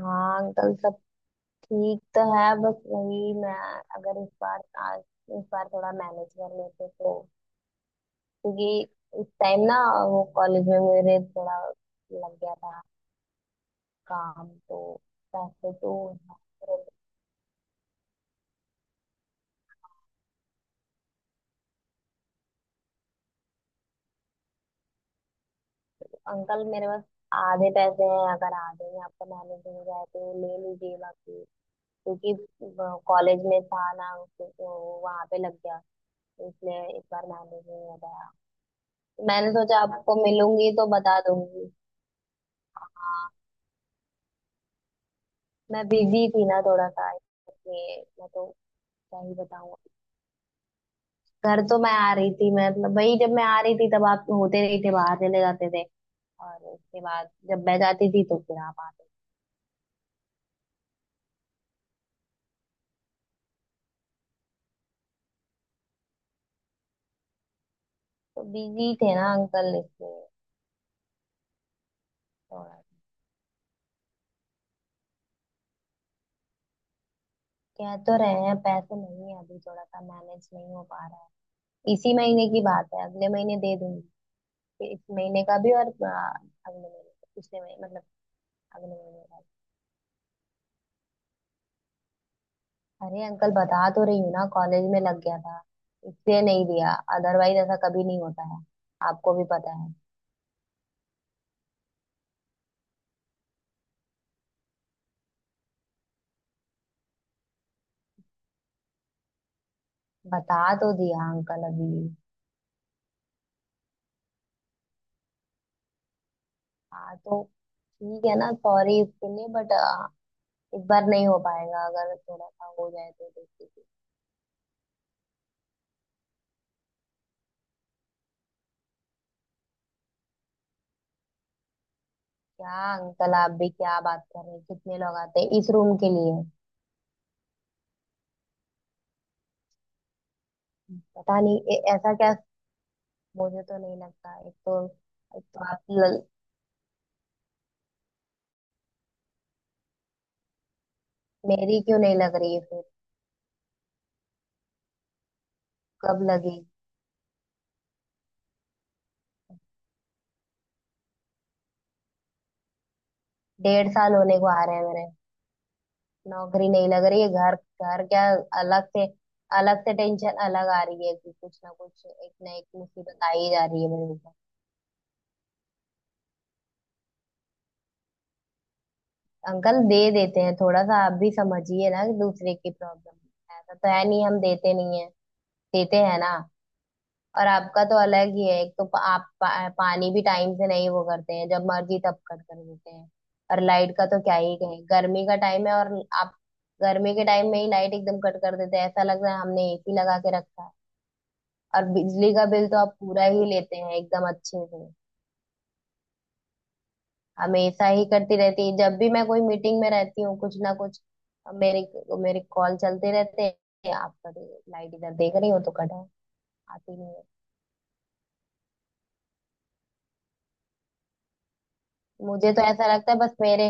हाँ अंकल, सब ठीक तो है। बस वही, मैं अगर इस बार, आज, इस बार थोड़ा मैनेज कर लेते तो, क्योंकि इस टाइम ना, वो कॉलेज में मेरे थोड़ा लग गया था काम तो, पैसे तो। अंकल मेरे पास आधे पैसे हैं, अगर आधे में आपका मैनेज हो जाए तो ले लीजिए, बाकी क्योंकि कॉलेज में था ना, तो वहां पे लग गया, इसलिए इस बार मैनेज नहीं हो पाया। मैंने सोचा आपको मिलूंगी तो बता दूंगी। हाँ, मैं बिजी थी ना थोड़ा सा, इसलिए मैं तो क्या ही बताऊँ। घर तो मैं आ रही थी, मैं मतलब वही, जब मैं आ रही थी तब आप होते नहीं थे, बाहर चले जाते थे। और उसके बाद जब मैं जाती थी तो फिर आप आते थे। तो बिजी थे ना अंकल, इसलिए थोड़ा। कह तो रहे हैं पैसे नहीं है अभी, थोड़ा सा मैनेज नहीं हो पा रहा है, इसी महीने की बात है। अगले महीने दे दूंगी, फिर इस महीने का भी और अगले महीने, पिछले महीने मतलब, अगले महीने का भी। अरे अंकल, बता तो रही हूँ ना, कॉलेज में लग गया था, इसलिए नहीं दिया, अदरवाइज ऐसा कभी नहीं होता है, आपको भी पता है। बता तो दिया अंकल अभी। हाँ तो ठीक है ना, सॉरी इसके लिए, बट इस बार नहीं हो पाएगा, अगर थोड़ा सा हो जाए तो देख लीजिए। क्या अंकल, आप भी क्या बात कर रहे हैं, कितने लोग आते हैं इस रूम के लिए। पता नहीं ऐसा क्या, मुझे तो नहीं लगता। एक तो आप ल, मेरी क्यों नहीं लग रही है फिर, कब लगी। 1.5 साल होने को आ रहे हैं मेरे, नौकरी नहीं लग रही है, घर घर क्या। अलग से, अलग से टेंशन अलग आ रही है, कि कुछ ना कुछ एक ना एक मुसीबत आ ही जा रही है मेरे ऊपर। अंकल दे देते हैं, थोड़ा सा आप भी समझिए ना, कि दूसरे की प्रॉब्लम। ऐसा तो है नहीं हम देते नहीं है, देते हैं ना। और आपका तो अलग ही है, एक तो आप पानी भी टाइम से नहीं वो करते हैं, जब मर्जी तब कट कर देते हैं। और लाइट का तो क्या ही कहें, गर्मी का टाइम है, और आप गर्मी के टाइम में ही लाइट एकदम कट कर देते हैं। ऐसा लग रहा है हमने एसी लगा के रखा है, और बिजली का बिल तो आप पूरा ही लेते हैं एकदम अच्छे से। हमेशा ही करती रहती है, जब भी मैं कोई मीटिंग में रहती हूँ कुछ ना कुछ, मेरे तो मेरे कॉल चलते रहते हैं। आप कभी लाइट इधर देख रही हो तो कट है, आती नहीं है। मुझे तो ऐसा लगता है बस मेरे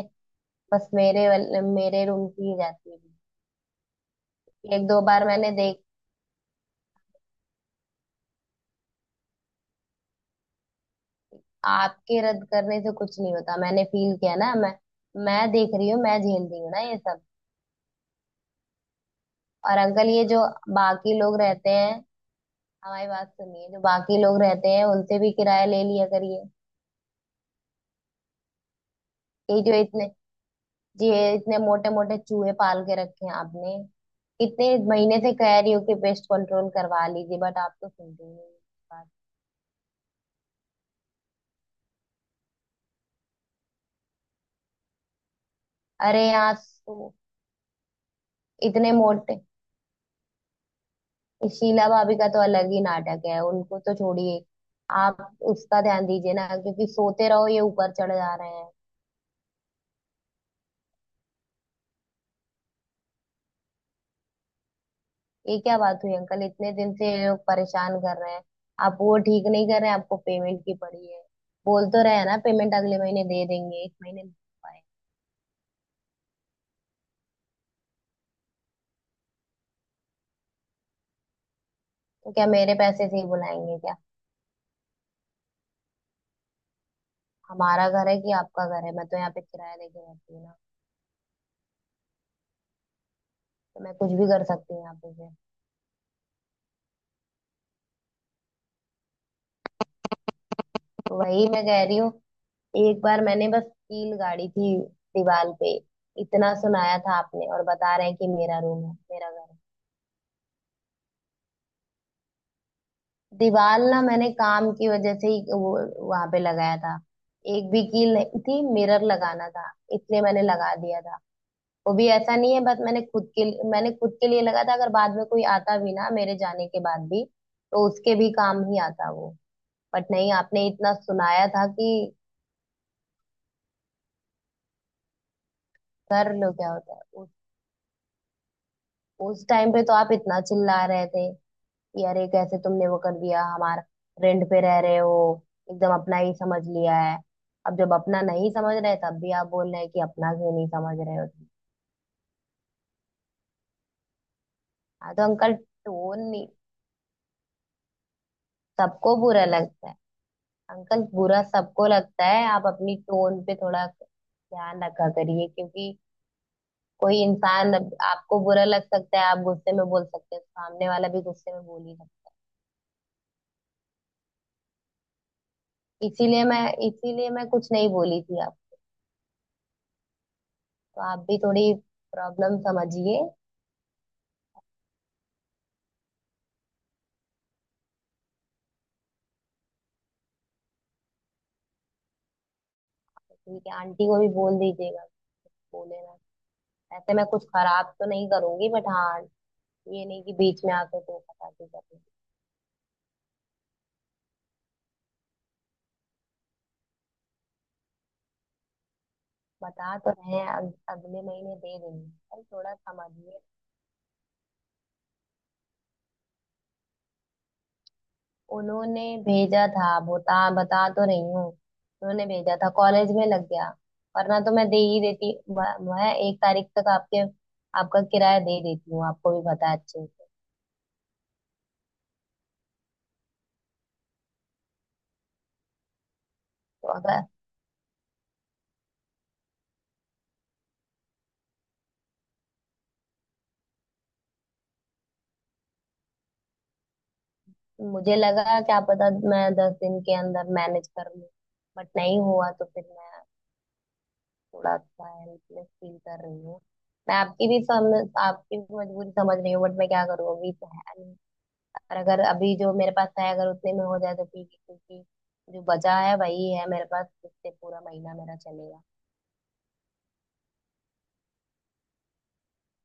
बस मेरे वाल- मेरे रूम की ही जाती है, एक दो बार मैंने देख। आपके रद्द करने से कुछ नहीं होता, मैंने फील किया ना, मैं देख रही हूँ, मैं झेल रही हूँ ना ये सब। और अंकल, ये जो बाकी लोग रहते हैं, हमारी बात सुनिए, जो बाकी लोग रहते हैं उनसे भी किराया ले लिया करिए। ये जो इतने ये इतने मोटे मोटे चूहे पाल के रखे हैं आपने। इतने महीने से कह रही हो कि पेस्ट कंट्रोल करवा लीजिए, बट आप तो सुनते ही नहीं मेरी बात। अरे यहाँ तो इतने मोटे इस शीला भाभी का तो अलग ही नाटक है, उनको तो छोड़िए। आप उसका ध्यान दीजिए ना, क्योंकि सोते रहो ये ऊपर चढ़ जा रहे हैं। ये क्या बात हुई अंकल, इतने दिन से ये लोग परेशान कर रहे हैं, आप वो ठीक नहीं कर रहे हैं, आपको पेमेंट की पड़ी है। बोल तो रहे हैं ना, पेमेंट अगले महीने दे देंगे, इस महीने नहीं दे पाए। तो क्या मेरे पैसे से ही बुलाएंगे क्या। हमारा घर है कि आपका घर है, मैं तो यहाँ पे किराया लेके रहती हूँ ना। तो मैं कुछ भी कर सकती हूँ यहाँ पे से। तो वही मैं कह रही हूँ, एक बार मैंने बस कील गाड़ी थी दीवार पे, इतना सुनाया था आपने, और बता रहे हैं कि मेरा रूम है मेरा घर है। दीवार ना मैंने काम की वजह से ही वो वहां पे लगाया था, एक भी कील नहीं थी, मिरर लगाना था इसलिए मैंने लगा दिया था। वो भी ऐसा नहीं है, बस मैंने खुद के लिए- मैंने खुद के लिए लगा था, अगर बाद में कोई आता भी ना मेरे जाने के बाद भी, तो उसके भी काम ही आता वो। बट नहीं, आपने इतना सुनाया था कि कर लो क्या होता है उस टाइम पे तो आप इतना चिल्ला रहे थे, यार ये कैसे तुमने वो कर दिया, हमारा रेंट पे रह रहे हो एकदम अपना ही समझ लिया है। अब जब अपना नहीं समझ रहे, तब भी आप बोल रहे हैं कि अपना क्यों नहीं समझ रहे हो। हाँ तो अंकल, टोन नहीं, सबको बुरा लगता है। अंकल, बुरा सबको लगता है, आप अपनी टोन पे थोड़ा ध्यान रखा करिए, क्योंकि कोई इंसान, अब आपको बुरा लग सकता है, आप गुस्से में बोल सकते हैं, सामने वाला भी गुस्से में बोल ही सकता है, इसीलिए मैं कुछ नहीं बोली थी आप। तो आप भी थोड़ी प्रॉब्लम समझिए। ठीक है, आंटी को भी बोल दीजिएगा, बोले ना। ऐसे मैं कुछ खराब तो नहीं करूंगी, बट हाँ, ये नहीं कि बीच में आके तो खटाखी कर दूं। बता तो रहे हैं अगले महीने दे देंगे, पर थोड़ा समझिए। उन्होंने भेजा था, बता बता तो रही हूँ, उन्होंने भेजा था, कॉलेज में लग गया, वरना तो मैं दे ही देती। मैं 1 तारीख तक आपके, आपका किराया दे देती हूँ, आपको भी पता है अच्छे से। तो अगर मुझे लगा क्या पता मैं 10 दिन के अंदर मैनेज कर लूँ, बट नहीं हुआ, तो फिर मैं थोड़ा सा हेल्पलेस फील कर रही हूँ। मैं आपकी भी समझ, आपकी भी मजबूरी समझ रही हूँ, बट मैं क्या करूँ, अभी तो है नहीं। और अगर अभी जो मेरे पास है, अगर उतने में हो जाए तो ठीक है, क्योंकि जो बचा है वही है मेरे पास जिससे पूरा महीना मेरा चलेगा।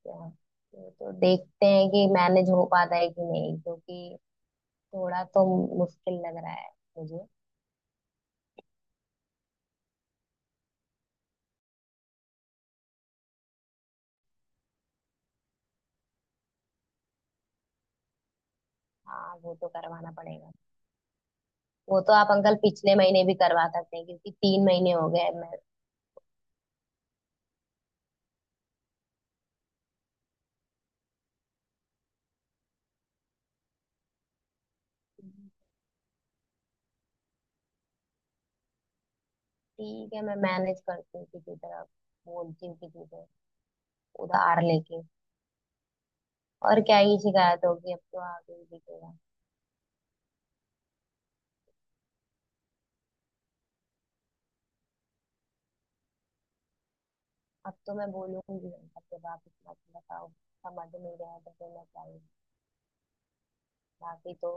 तो तो देखते हैं कि मैनेज हो पाता है कि नहीं, क्योंकि थोड़ा तो मुश्किल लग रहा है मुझे। हाँ वो तो करवाना पड़ेगा, वो तो आप अंकल पिछले महीने भी करवा सकते हैं, क्योंकि 3 महीने हो गए मैं। ठीक है, मैं मैनेज करती हूँ किसी तरह, बोलती हूँ किसी से उधार लेके। और क्या ही शिकायत होगी, अब तो आगे ही दिखेगा। अब तो मैं बोलूंगी, अब जब आप इतना तो बताओ, समझ नहीं रहे तो फिर मैं क्या ही, बाकी तो।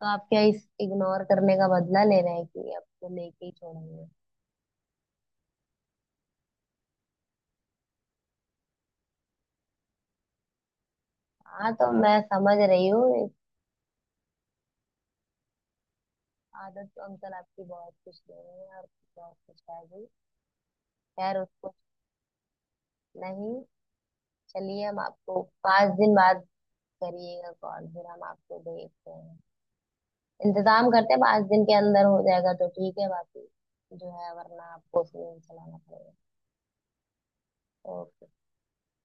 तो आप क्या इस इग्नोर करने का बदला ले रहे हैं, कि अब तो लेके ही छोड़ेंगे। हाँ तो मैं समझ रही हूँ इस, आदत तो अंकल आपकी, बहुत कुछ दे रहे हैं और बहुत कुछ है भी। खैर उसको, नहीं, चलिए, हम आपको 5 दिन बाद, करिएगा कॉल, फिर हम आपको देखते हैं, इंतजाम करते हैं, 5 दिन के अंदर हो जाएगा तो ठीक है, बाकी जो है वरना आपको उसे चलाना पड़ेगा। ओके।